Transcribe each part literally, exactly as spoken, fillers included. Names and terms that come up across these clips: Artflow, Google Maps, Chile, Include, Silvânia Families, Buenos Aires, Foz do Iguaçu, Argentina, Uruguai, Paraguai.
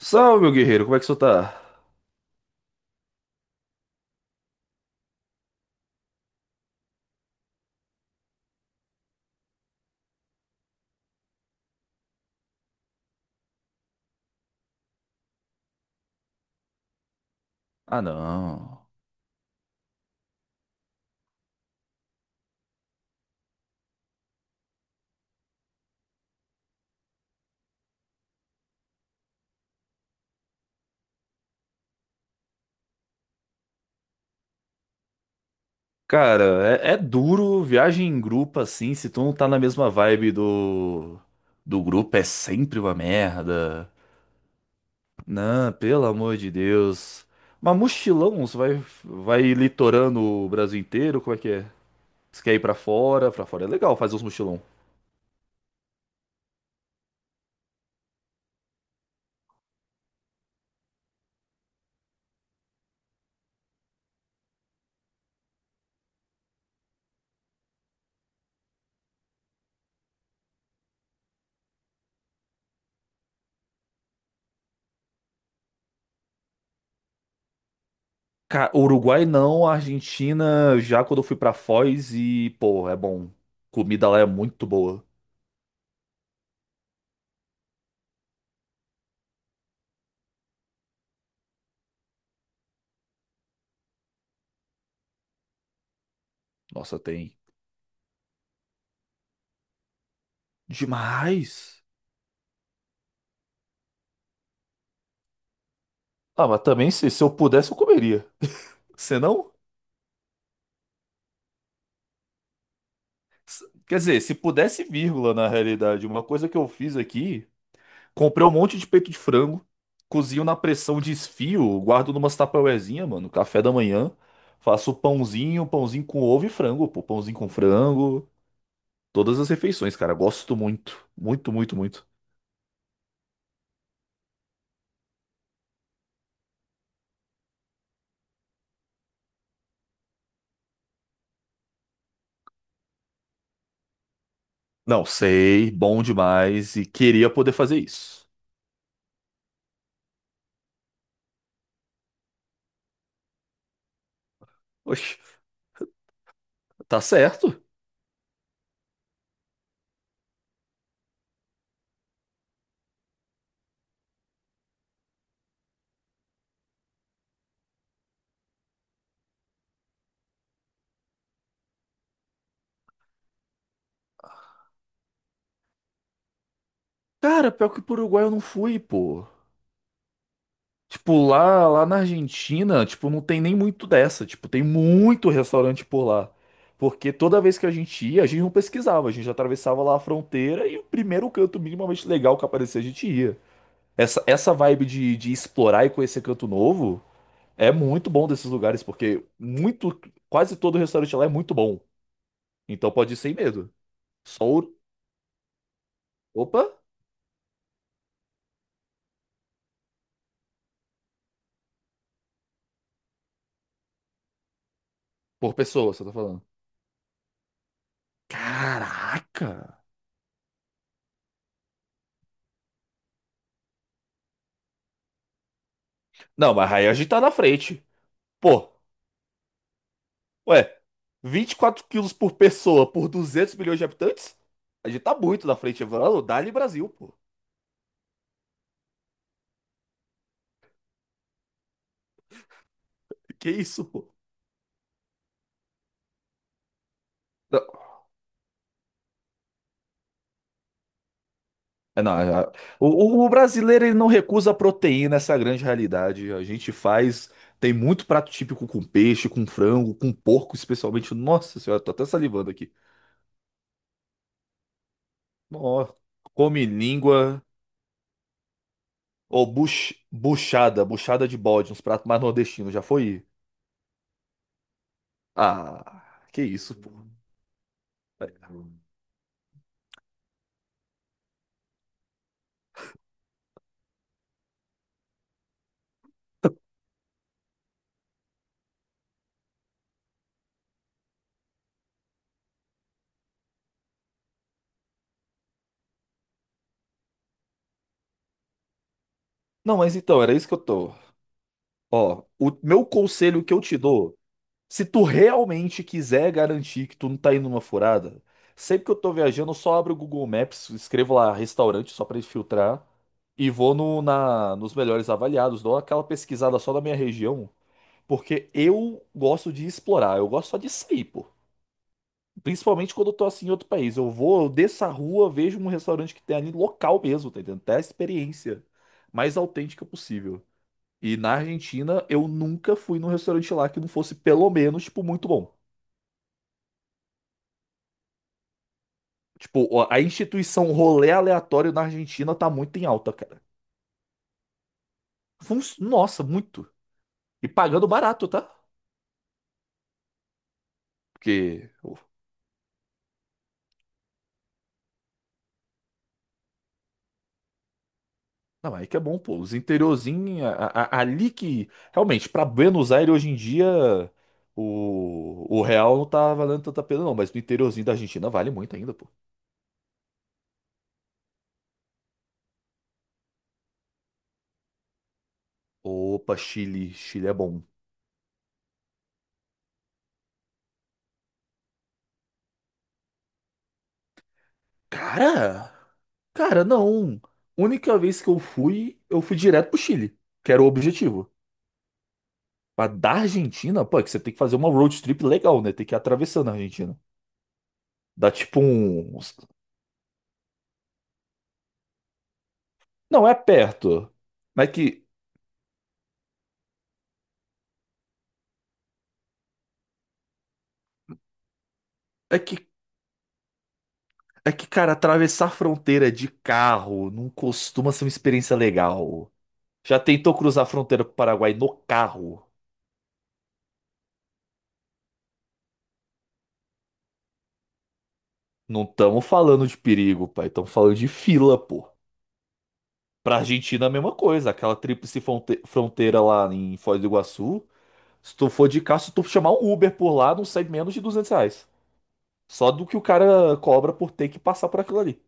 Salve, meu guerreiro, como é que você tá? Ah, não. Cara, é, é duro viagem em grupo assim, se tu não tá na mesma vibe do do grupo, é sempre uma merda. Não, pelo amor de Deus. Mas mochilão, você vai vai litorando o Brasil inteiro, como é que é? Você quer ir pra fora? Pra fora é legal fazer uns mochilão. Cara, Uruguai não, Argentina já quando eu fui pra Foz e, pô, é bom. Comida lá é muito boa. Nossa, tem demais. Ah, mas também se, se eu pudesse, eu comeria. Se não, se- quer dizer, se pudesse, vírgula, na realidade. Uma coisa que eu fiz aqui, comprei um monte de peito de frango, cozinho na pressão de guardo numas tupperwarezinha, mano, café da manhã, faço pãozinho, pãozinho com ovo e frango, pô, pãozinho com frango, todas as refeições, cara, gosto muito, muito, muito, muito. Não, sei, bom demais e queria poder fazer isso. Oxe, tá certo? Cara, pior que pro Uruguai eu não fui, pô. Tipo, lá, lá na Argentina, tipo, não tem nem muito dessa. Tipo, tem muito restaurante por lá. Porque toda vez que a gente ia, a gente não pesquisava, a gente atravessava lá a fronteira e o primeiro canto minimamente legal que aparecia, a gente ia. Essa, essa vibe de, de explorar e conhecer canto novo é muito bom desses lugares, porque muito, quase todo restaurante lá é muito bom. Então pode ir sem medo. Só o. Opa! Por pessoa, você tá falando. Caraca! Não, mas aí a gente tá na frente. Pô, ué, vinte e quatro quilos por pessoa por duzentos milhões de habitantes? A gente tá muito na frente, mano. Dá-lhe Brasil, pô. Que isso, pô. Não, é, não, é, o, o- o brasileiro ele não recusa proteína, essa é a grande realidade. A gente faz. Tem muito prato típico com peixe, com frango, com porco, especialmente. Nossa senhora, tô até salivando aqui. Nossa, come língua. Ou buch, buchada, buchada de bode, uns pratos mais nordestinos. Já foi? Ah, que isso, pô. Não, mas então, era isso que eu tô. Ó, o meu conselho que eu te dou, se tu realmente quiser garantir que tu não tá indo numa furada, sempre que eu tô viajando, eu só abro o Google Maps, escrevo lá restaurante só pra ele filtrar e vou no, na, nos melhores avaliados, dou aquela pesquisada só da minha região, porque eu gosto de explorar, eu gosto só de sair, pô. Principalmente quando eu tô assim em outro país. Eu vou, eu desço a rua, vejo um restaurante que tem ali local mesmo, tá entendendo? Até a experiência mais autêntica possível. E na Argentina, eu nunca fui num restaurante lá que não fosse, pelo menos, tipo, muito bom. Tipo, ó, a instituição rolê aleatório na Argentina tá muito em alta, cara. Fun- Nossa, muito. E pagando barato, tá? Porque, oh, não, aí que é bom, pô. Os interiorzinhos, a- a- a- ali que. Realmente, pra Buenos Aires hoje em dia, o, o real não tá valendo tanta pena, não. Mas no interiorzinho da Argentina vale muito ainda, pô. Opa, Chile. Chile é bom. Cara, cara, não. Única vez que eu fui, eu fui direto pro Chile, que era o objetivo. Mas da Argentina, pô, é que você tem que fazer uma road trip legal, né? Tem que ir atravessando a Argentina. Dá tipo uns. Não, é perto. Mas é que, é que, é que, cara, atravessar a fronteira de carro não costuma ser uma experiência legal. Já tentou cruzar a fronteira pro Paraguai no carro? Não estamos falando de perigo, pai. Estamos falando de fila, pô. Pra Argentina, é a mesma coisa. Aquela tríplice fronte- fronteira lá em Foz do Iguaçu. Se tu for de carro, se tu chamar um Uber por lá, não sai menos de duzentos reais. Só do que o cara cobra por ter que passar por aquilo ali.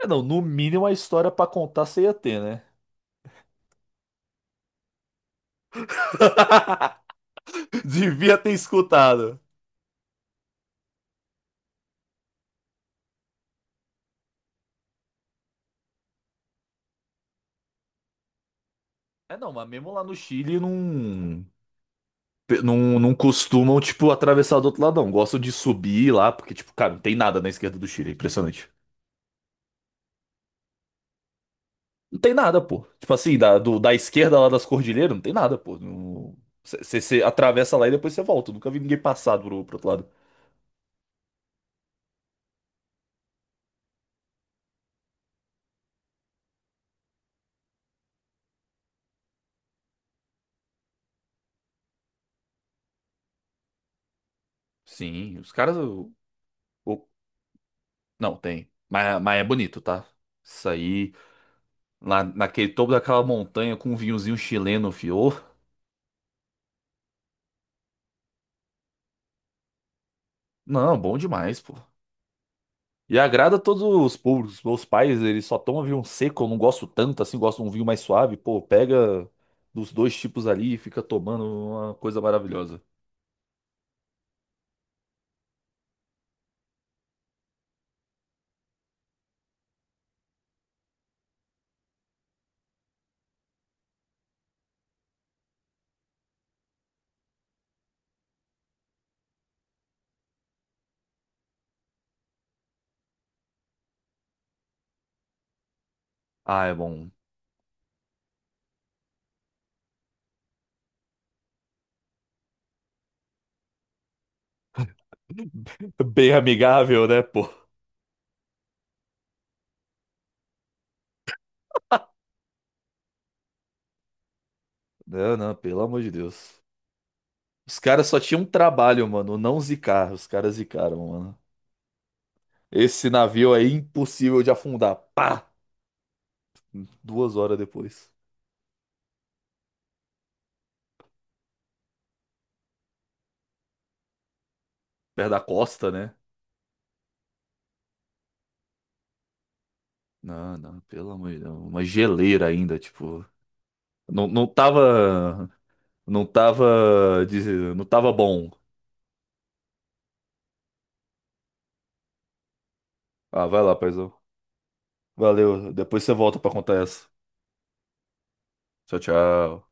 É, não, no mínimo a história pra contar você ia ter, né? Devia ter escutado. É, não, mas mesmo lá no Chile não, pe- não, não costumam, tipo, atravessar do outro lado, não. Gostam de subir lá, porque, tipo, cara, não tem nada na esquerda do Chile. É impressionante. Não tem nada, pô. Tipo assim, da, do- da esquerda lá das cordilheiras, não tem nada, pô. Você atravessa lá e depois você volta. Eu nunca vi ninguém passar pro, pro outro lado. Sim, os caras. o- o- não, tem. Mas, mas é bonito, tá? Isso aí, lá naquele topo daquela montanha com um vinhozinho chileno, fio. Não, bom demais, pô. E agrada todos os públicos. Meus pais, eles só tomam vinho seco, eu não gosto tanto assim, gosto de um vinho mais suave. Pô, pega dos dois tipos ali e fica tomando uma coisa maravilhosa. Ah, é bom. Bem amigável, né, pô? Não, não, pelo amor de Deus. Os caras só tinham um trabalho, mano, não zicar. Os caras zicaram, mano. Esse navio é impossível de afundar. Pá! Duas horas depois. Perto da costa, né? Não, não, pelo amor de Deus. Uma geleira ainda, tipo. Não, não tava. Não tava. diz- Não tava bom. Ah, vai lá, paizão. Valeu. Depois você volta pra contar essa. Tchau, tchau.